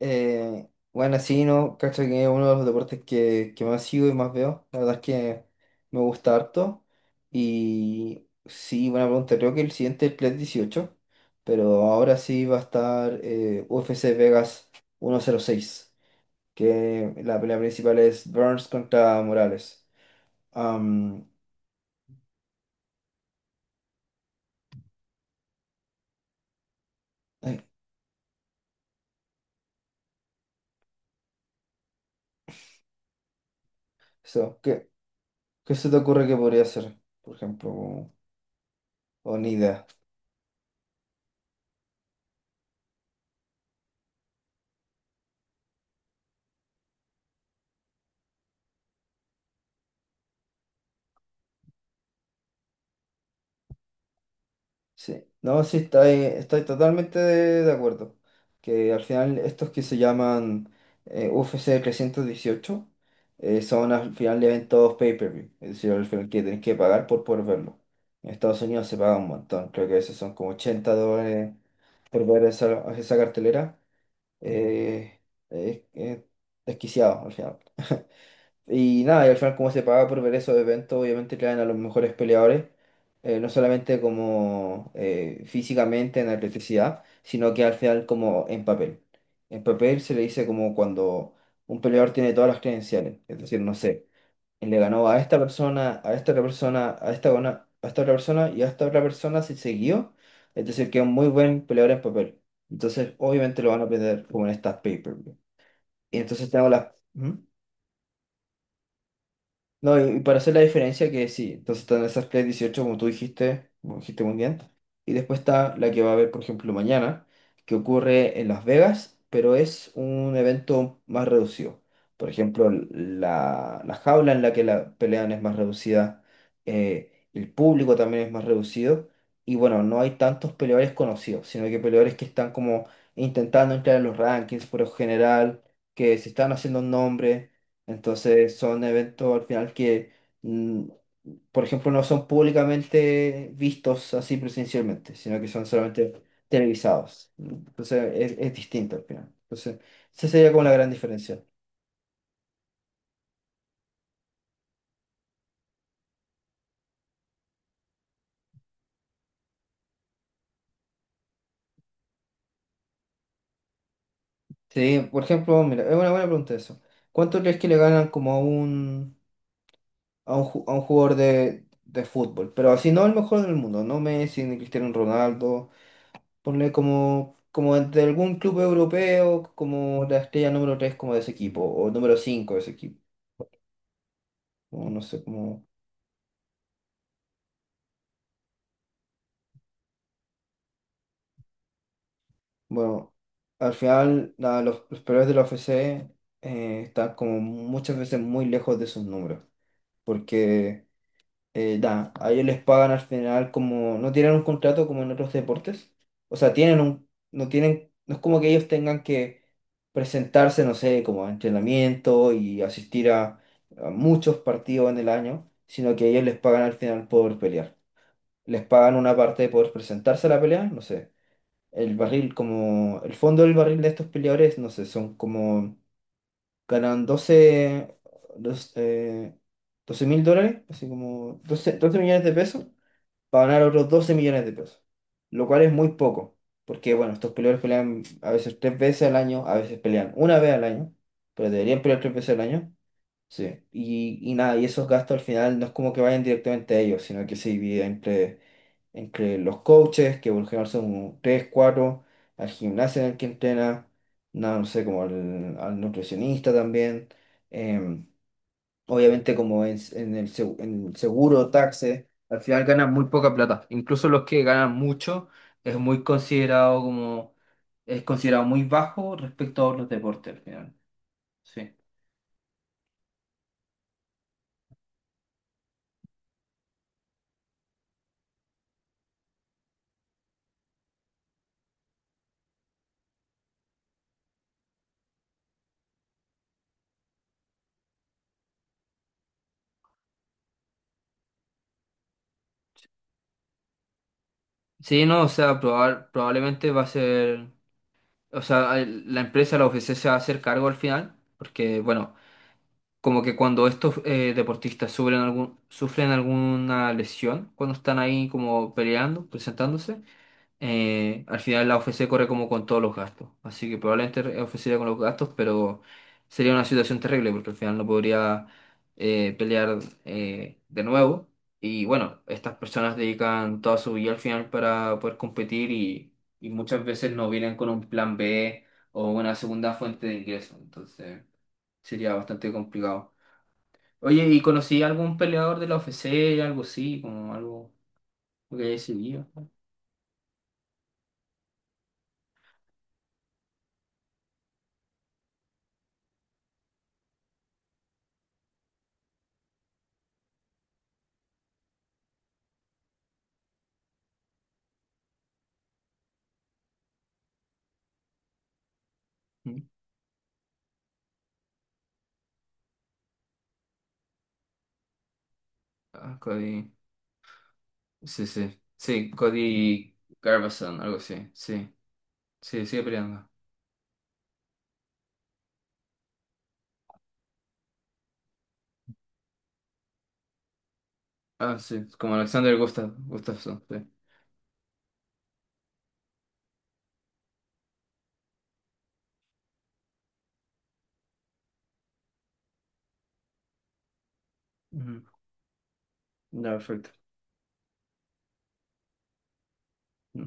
Bueno, sí, ¿no? Cacho que es uno de los deportes que más sigo y más veo. La verdad es que me gusta harto. Y sí, buena pregunta. Creo que el siguiente es PLES 18, pero ahora sí va a estar UFC Vegas 106, que la pelea principal es Burns contra Morales. Am, eh, so, ¿qué se te ocurre que podría ser? Por ejemplo, o ni idea. Sí, no, sí, estoy totalmente de acuerdo. Que al final estos que se llaman UFC 318 son al final eventos pay-per-view, es decir, al final que tenés que pagar por poder verlo. En Estados Unidos se paga un montón, creo que a veces son como 80 dólares por ver esa cartelera. eh, es desquiciado al final. Y nada, y al final como se paga por ver esos eventos, obviamente traen a los mejores peleadores, no solamente como físicamente en atleticidad, sino que al final como en papel. En papel se le dice como cuando un peleador tiene todas las credenciales, es decir, no sé, le ganó a esta persona, a esta otra persona, a esta otra persona y a esta otra persona se siguió, es decir, que es un muy buen peleador en papel. Entonces, obviamente lo van a aprender como en estas pay-per-view. Y entonces tengo las... ¿Mm? No, y para hacer la diferencia que sí, entonces están esas Play 18 como tú dijiste, como dijiste muy bien, y después está la que va a haber, por ejemplo, mañana, que ocurre en Las Vegas, pero es un evento más reducido. Por ejemplo, la jaula en la que la pelean es más reducida, el público también es más reducido, y bueno, no hay tantos peleadores conocidos, sino que peleadores que están como intentando entrar en los rankings por lo general, que se están haciendo un nombre. Entonces son eventos al final que, mm, por ejemplo, no son públicamente vistos así presencialmente, sino que son solamente televisados. Entonces es distinto al final. Entonces, esa sería como la gran diferencia. Sí, por ejemplo, mira, es una buena pregunta eso. ¿Cuánto crees que le ganan como a un jugador de fútbol? Pero así no el mejor del mundo, no Messi, ni Cristiano Ronaldo. Ponle como de algún club europeo, como la estrella número 3 como de ese equipo, o número 5 de ese equipo. O no sé, como... Bueno, al final los peores de la UFC están como muchas veces muy lejos de sus números, porque a ellos les pagan al final como, no tienen un contrato como en otros deportes, o sea, no tienen, no es como que ellos tengan que presentarse, no sé, como a entrenamiento y asistir a muchos partidos en el año, sino que ellos les pagan al final por pelear. Les pagan una parte por presentarse a la pelea, no sé, el barril, como, el fondo del barril de estos peleadores, no sé, son como, ganan dos, eh, 12 mil dólares, así como doce millones de pesos para ganar otros 12 millones de pesos, lo cual es muy poco, porque bueno, estos peleadores pelean a veces tres veces al año, a veces pelean una vez al año, pero deberían pelear tres veces al año. Sí, y nada, y esos gastos al final no es como que vayan directamente a ellos, sino que se divide entre los coaches, que por lo general son 3 4, al gimnasio en el que entrena, nada, no sé, como al nutricionista también. em, obviamente como en el seguro, taxes, al final ganan muy poca plata. Incluso los que ganan mucho es muy considerado como, es considerado muy bajo respecto a otros deportes al final. Sí. Sí, no, o sea, probablemente va a ser, o sea, la empresa, la UFC se va a hacer cargo al final, porque bueno, como que cuando estos deportistas sufren alguna lesión, cuando están ahí como peleando, presentándose, al final la OFC corre como con todos los gastos. Así que probablemente la OFC iría con los gastos, pero sería una situación terrible porque al final no podría pelear de nuevo. Y bueno, estas personas dedican toda su vida al final para poder competir y muchas veces no vienen con un plan B o una segunda fuente de ingreso. Entonces sería bastante complicado. Oye, ¿y conocí a algún peleador de la OFC, algo así, como algo que haya seguido? Mm. Ah, ok. Sí, sí. Sí, Cody Garbison, algo así. Sí, sí, sigue peleando. Ah, sí, como Alexander Gustafsson, sí. Ujú. Ya, perfecto. Mm.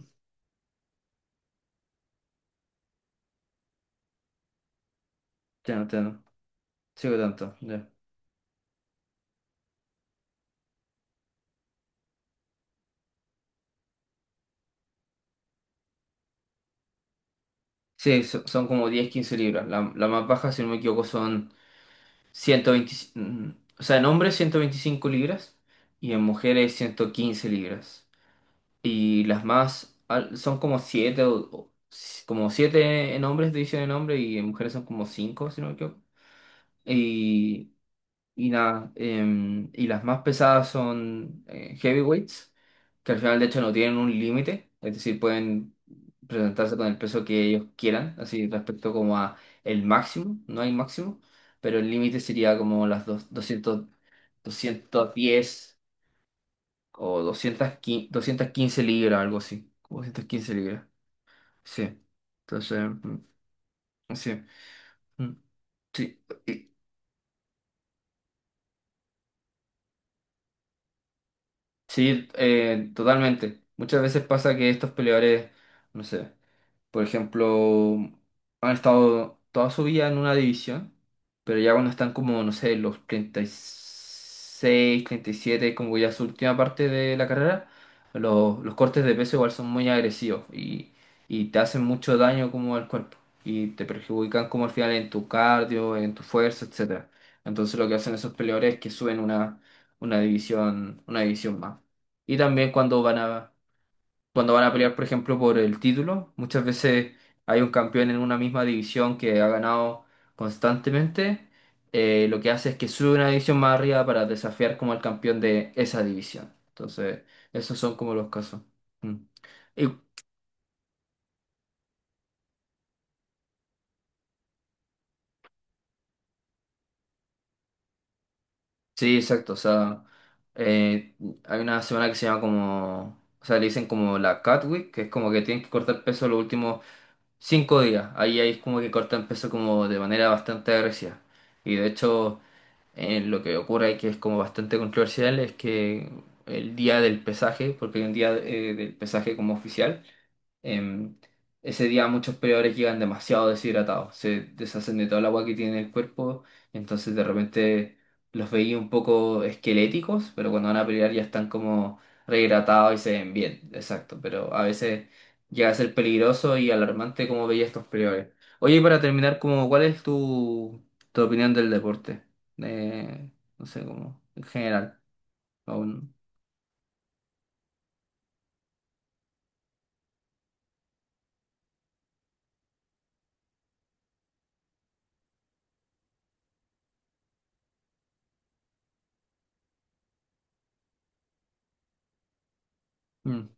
Ya no te no. Sigo tanto. Ya. Sí, son como diez quince libras. La más baja, si no me equivoco, son 125. O sea, en hombres 125 libras y en mujeres 115 libras. Y las más son como 7 como 7 en hombres, división en hombres, y en mujeres son como 5, si no me equivoco. Y nada, y las más pesadas son heavyweights, que al final de hecho no tienen un límite, es decir, pueden presentarse con el peso que ellos quieran, así respecto como a el máximo, no hay máximo, pero el límite sería como las dos- doscientos 210 o 215, quince 215 libras, algo así, como 215 libras, sí. Entonces, mm, sí. Mm. Sí. Sí, totalmente. Muchas veces pasa que estos peleadores, no sé. Por ejemplo, han estado toda su vida en una división, pero ya cuando están como, no sé, los treinta treinta y seis treinta y siete como ya su última parte de la carrera, los cortes de peso igual son muy agresivos y te hacen mucho daño como al cuerpo y te perjudican como al final en tu cardio, en tu fuerza, etcétera. Entonces lo que hacen esos peleadores es que suben una división, una división más. Y también cuando van a pelear, por ejemplo, por el título. Muchas veces hay un campeón en una misma división que ha ganado constantemente. Lo que hace es que sube una división más arriba para desafiar como al campeón de esa división. Entonces, esos son como los casos. Mm. Y- sí, exacto. O sea, eh, hay una semana que se llama como... O sea, le dicen como la Cat Week, que es como que tienen que cortar peso los últimos 5 días. Ahí es como que cortan peso como de manera bastante agresiva. Y de hecho... Lo que ocurre, que es como bastante controversial, es que el día del pesaje, porque hay un día del pesaje como oficial. Em, ese día muchos peleadores llegan demasiado deshidratados, se deshacen de toda el agua que tienen en el cuerpo, entonces de repente los veía un poco esqueléticos, pero cuando van a pelear ya están como rehidratados y se ven bien, exacto, pero a veces llega a ser peligroso y alarmante como veía estos peleadores. Oye, y para terminar, como, ¿cuál es tu opinión del deporte? Eh, no sé, como en general. Aún. Mm,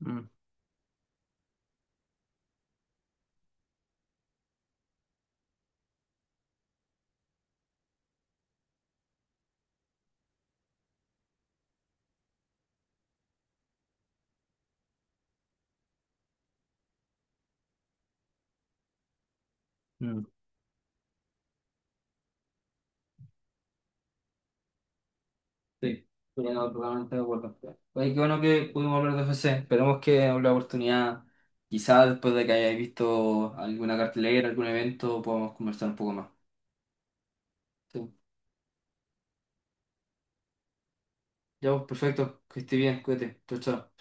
mm, mm. Sí, pero no, totalmente de acuerdo. Oye, qué bueno que pudimos hablar de UFC. Esperemos que en la oportunidad, quizás después de que hayáis visto alguna cartelera, algún evento, podamos conversar un poco más. Sí. Ya, pues, perfecto. Que esté bien, cuídate. Chao, chao.